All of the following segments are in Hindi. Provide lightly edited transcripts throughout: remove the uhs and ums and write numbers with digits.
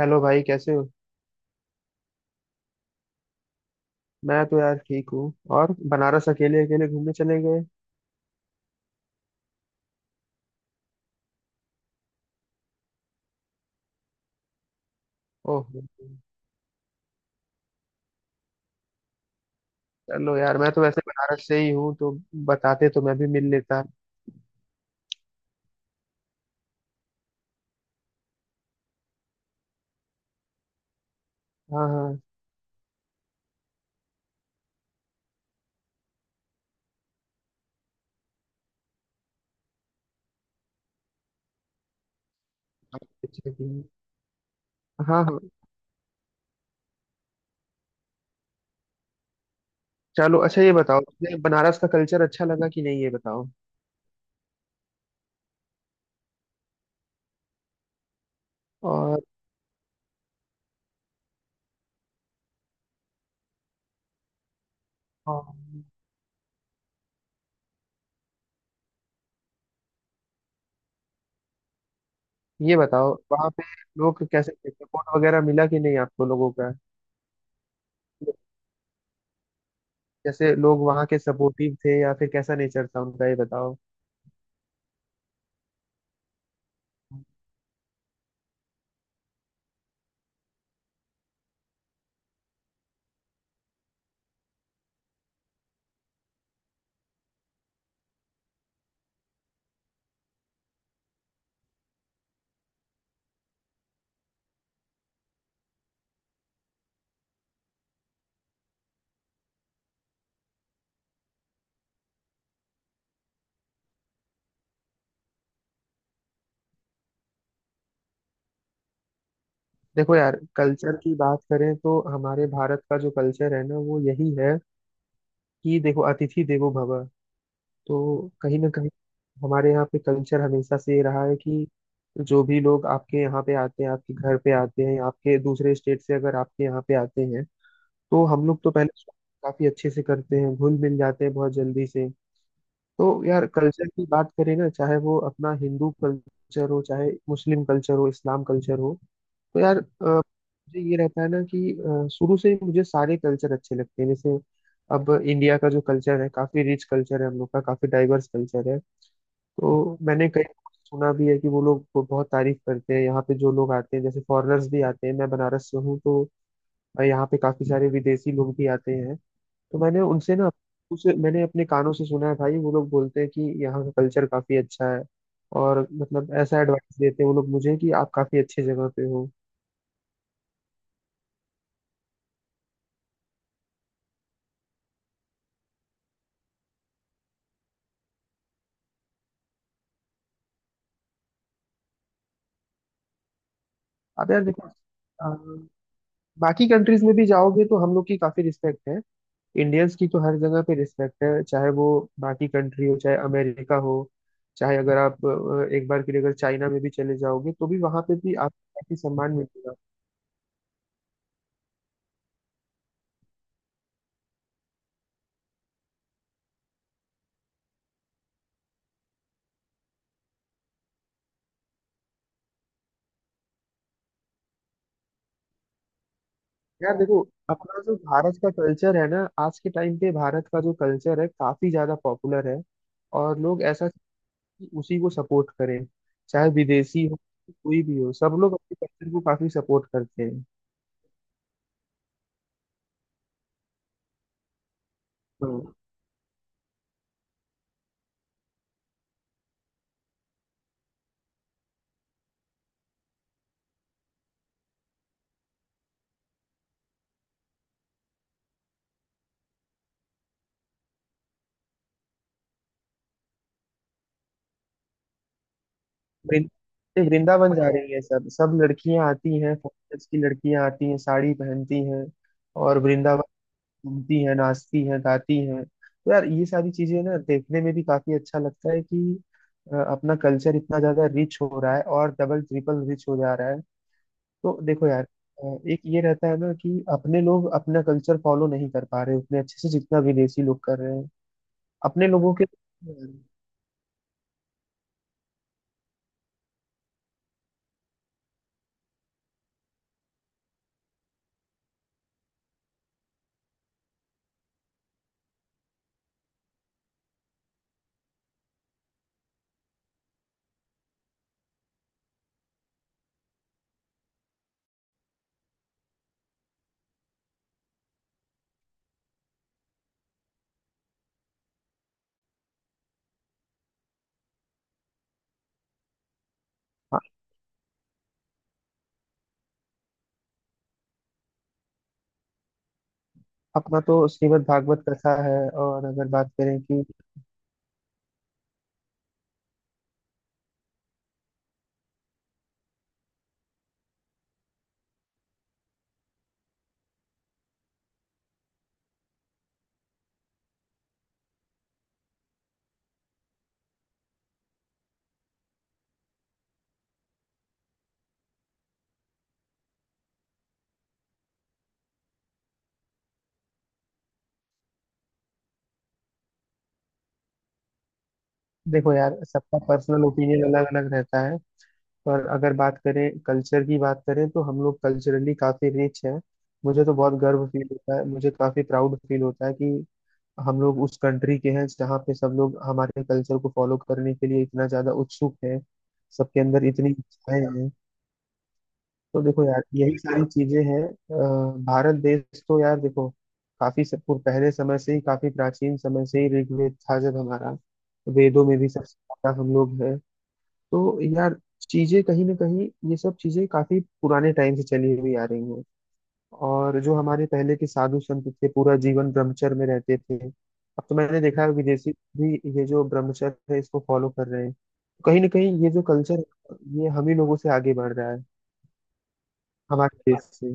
हेलो भाई, कैसे हो। मैं तो यार ठीक हूँ। और बनारस अकेले अकेले घूमने चले गए। ओहो। चलो यार, मैं तो वैसे बनारस से ही हूँ, तो बताते तो मैं भी मिल लेता। हाँ हाँ। अच्छा कि-। हाँ हाँ। चलो अच्छा, ये बताओ तुम्हें बनारस का कल्चर अच्छा लगा कि नहीं, ये बताओ। और हाँ, ये बताओ वहाँ पे लोग कैसे थे, सपोर्ट वगैरह मिला कि नहीं आपको लोगों का। जैसे लोग वहाँ के सपोर्टिव थे या फिर कैसा नेचर था उनका, ये बताओ। देखो यार, कल्चर की बात करें तो हमारे भारत का जो कल्चर है ना वो यही है कि देखो, अतिथि देवो भव। तो कहीं ना कहीं हमारे यहाँ पे कल्चर हमेशा से ये रहा है कि जो भी लोग आपके यहाँ पे आते हैं, आपके घर पे आते हैं, आपके दूसरे स्टेट से अगर आपके यहाँ पे आते हैं, तो हम लोग तो पहले काफी अच्छे से करते हैं, घुल मिल जाते हैं बहुत जल्दी से। तो यार, कल्चर की बात करें ना, चाहे वो अपना हिंदू कल्चर हो, चाहे मुस्लिम कल्चर हो, इस्लाम कल्चर हो, तो यार मुझे ये रहता है ना कि शुरू से ही मुझे सारे कल्चर अच्छे लगते हैं। जैसे अब इंडिया का जो कल्चर है, काफी रिच कल्चर है, हम लोग का काफी डाइवर्स कल्चर है। तो मैंने कई सुना भी है कि वो लोग को बहुत तारीफ करते हैं, यहाँ पे जो लोग आते हैं, जैसे फॉरेनर्स भी आते हैं। मैं बनारस से हूँ, तो यहाँ पे काफी सारे विदेशी लोग भी आते हैं। तो मैंने उनसे ना, उसे मैंने अपने कानों से सुना है भाई, वो लोग बोलते हैं कि यहाँ का कल्चर काफी अच्छा है। और मतलब ऐसा एडवाइस देते हैं वो लोग मुझे कि आप काफी अच्छी जगह पे हो। अब यार देखो, अ, बाकी कंट्रीज में भी जाओगे तो हम लोग की काफी रिस्पेक्ट है। इंडियंस की तो हर जगह पे रिस्पेक्ट है, चाहे वो बाकी कंट्री हो, चाहे अमेरिका हो, चाहे अगर आप एक बार के लिए अगर चाइना में भी चले जाओगे तो भी वहां पे भी आपको काफी सम्मान मिलेगा। यार देखो, अपना जो भारत का कल्चर है ना, आज के टाइम पे भारत का जो कल्चर है काफी ज्यादा पॉपुलर है। और लोग ऐसा कि उसी को सपोर्ट करें, चाहे विदेशी हो, कोई भी हो, सब लोग अपने कल्चर को काफी सपोर्ट करते हैं। हम्म। वृं-, ये वृंदावन जा रही है सब, सब लड़कियां आती हैं, फॉरेनर्स की लड़कियां आती हैं, साड़ी पहनती हैं और वृंदावन घूमती हैं, नाचती हैं, गाती हैं। तो यार, ये सारी चीजें ना देखने में भी काफी अच्छा लगता है कि अपना कल्चर इतना ज्यादा रिच हो रहा है और डबल ट्रिपल रिच हो जा रहा है। तो देखो यार, एक ये रहता है ना कि अपने लोग अपना कल्चर फॉलो नहीं कर पा रहे उतने अच्छे से जितना विदेशी लोग कर रहे हैं। अपने लोगों के हाँ, अपना तो श्रीमद् भागवत कथा है। और अगर बात करें कि देखो यार, सबका पर्सनल ओपिनियन अलग अलग रहता है, पर अगर बात करें, कल्चर की बात करें, तो हम लोग कल्चरली काफी रिच हैं। मुझे तो बहुत गर्व फील होता है, मुझे काफी प्राउड फील होता है कि हम लोग उस कंट्री के हैं जहाँ पे सब लोग हमारे कल्चर को फॉलो करने के लिए इतना ज्यादा उत्सुक है, सबके अंदर इतनी इच्छाएं हैं। तो देखो यार, यही सारी चीजें हैं। भारत देश तो यार देखो, काफी सब पहले समय से ही, काफी प्राचीन समय से ही ऋग्वेद था जब हमारा, वेदों में भी सबसे ज्यादा हम लोग, तो यार चीजें कहीं ना कहीं ये सब चीजें काफी पुराने टाइम से चली हुई आ रही हैं। और जो हमारे पहले के साधु संत थे, पूरा जीवन ब्रह्मचर्य में रहते थे। अब तो मैंने देखा है विदेशी भी ये जो ब्रह्मचर्य है इसको फॉलो कर रहे हैं। तो कहीं ना कहीं ये जो कल्चर, ये हम ही लोगों से आगे बढ़ रहा है, हमारे देश से।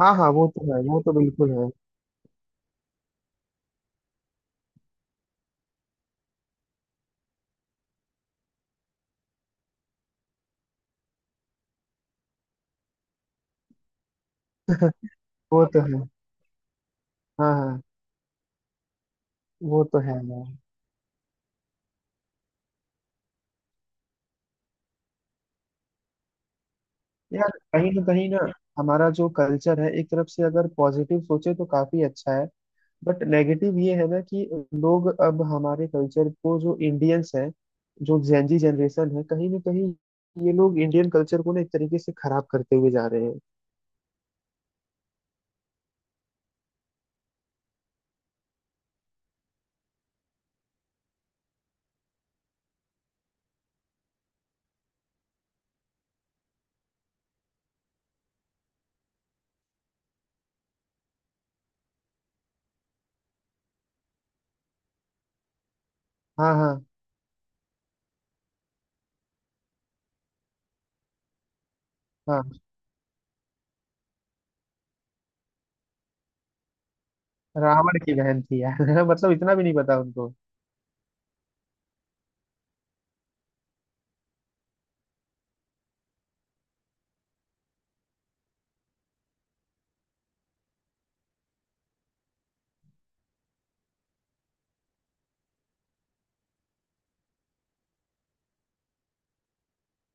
हाँ हाँ, वो तो है, वो तो बिल्कुल है। वो तो है। हाँ हाँ। वो तो है यार। यार कहीं ना कहीं ना, हमारा जो कल्चर है एक तरफ से अगर पॉजिटिव सोचे तो काफी अच्छा है, बट नेगेटिव ये है ना कि लोग अब हमारे कल्चर को, जो इंडियंस हैं, जो जेंजी जनरेशन है, कहीं ना कहीं ये लोग इंडियन कल्चर को ना एक तरीके से खराब करते हुए जा रहे हैं। हाँ हाँ हाँ। रावण की बहन थी यार। मतलब इतना भी नहीं पता उनको।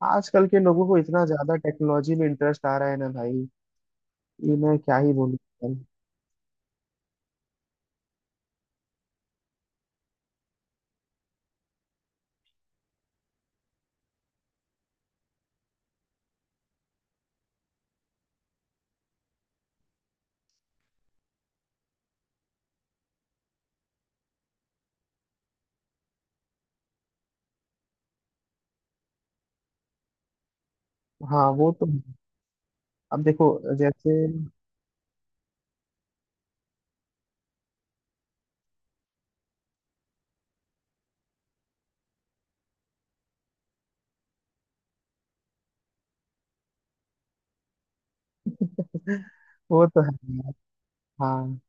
आजकल के लोगों को इतना ज्यादा टेक्नोलॉजी में इंटरेस्ट आ रहा है ना भाई। ये मैं क्या ही बोलूं यार। हाँ वो तो, अब देखो जैसे, वो तो है। हाँ,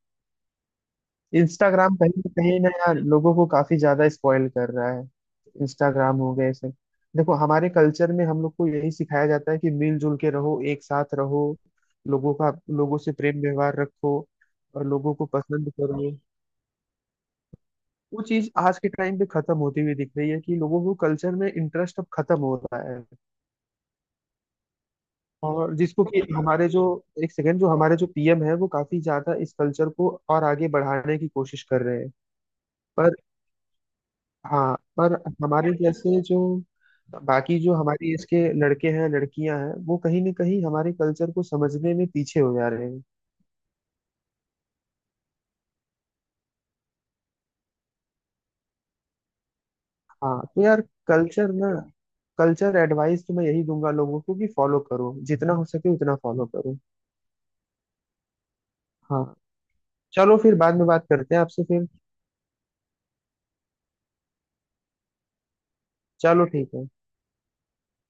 इंस्टाग्राम कहीं ना यार लोगों को काफी ज्यादा स्पॉइल कर रहा है। इंस्टाग्राम हो गए सब। देखो हमारे कल्चर में हम लोग को यही सिखाया जाता है कि मिलजुल के रहो, एक साथ रहो, लोगों का, लोगों से प्रेम व्यवहार रखो और लोगों को पसंद करो। वो चीज आज के टाइम पे खत्म होती हुई दिख रही है कि लोगों को कल्चर में इंटरेस्ट अब खत्म हो रहा है। और जिसको कि हमारे जो, एक सेकेंड, जो हमारे जो पीएम है वो काफी ज्यादा इस कल्चर को और आगे बढ़ाने की कोशिश कर रहे हैं। पर हाँ, पर हमारे जैसे जो बाकी, जो हमारी एज के लड़के हैं, लड़कियां हैं, वो कहीं ना कहीं हमारे कल्चर को समझने में पीछे हो जा रहे हैं। हाँ तो यार, कल्चर ना, कल्चर एडवाइस तो मैं यही दूंगा लोगों को कि फॉलो करो, जितना हो सके उतना फॉलो करो। हाँ, चलो फिर बाद में बात करते हैं आपसे फिर। चलो ठीक है।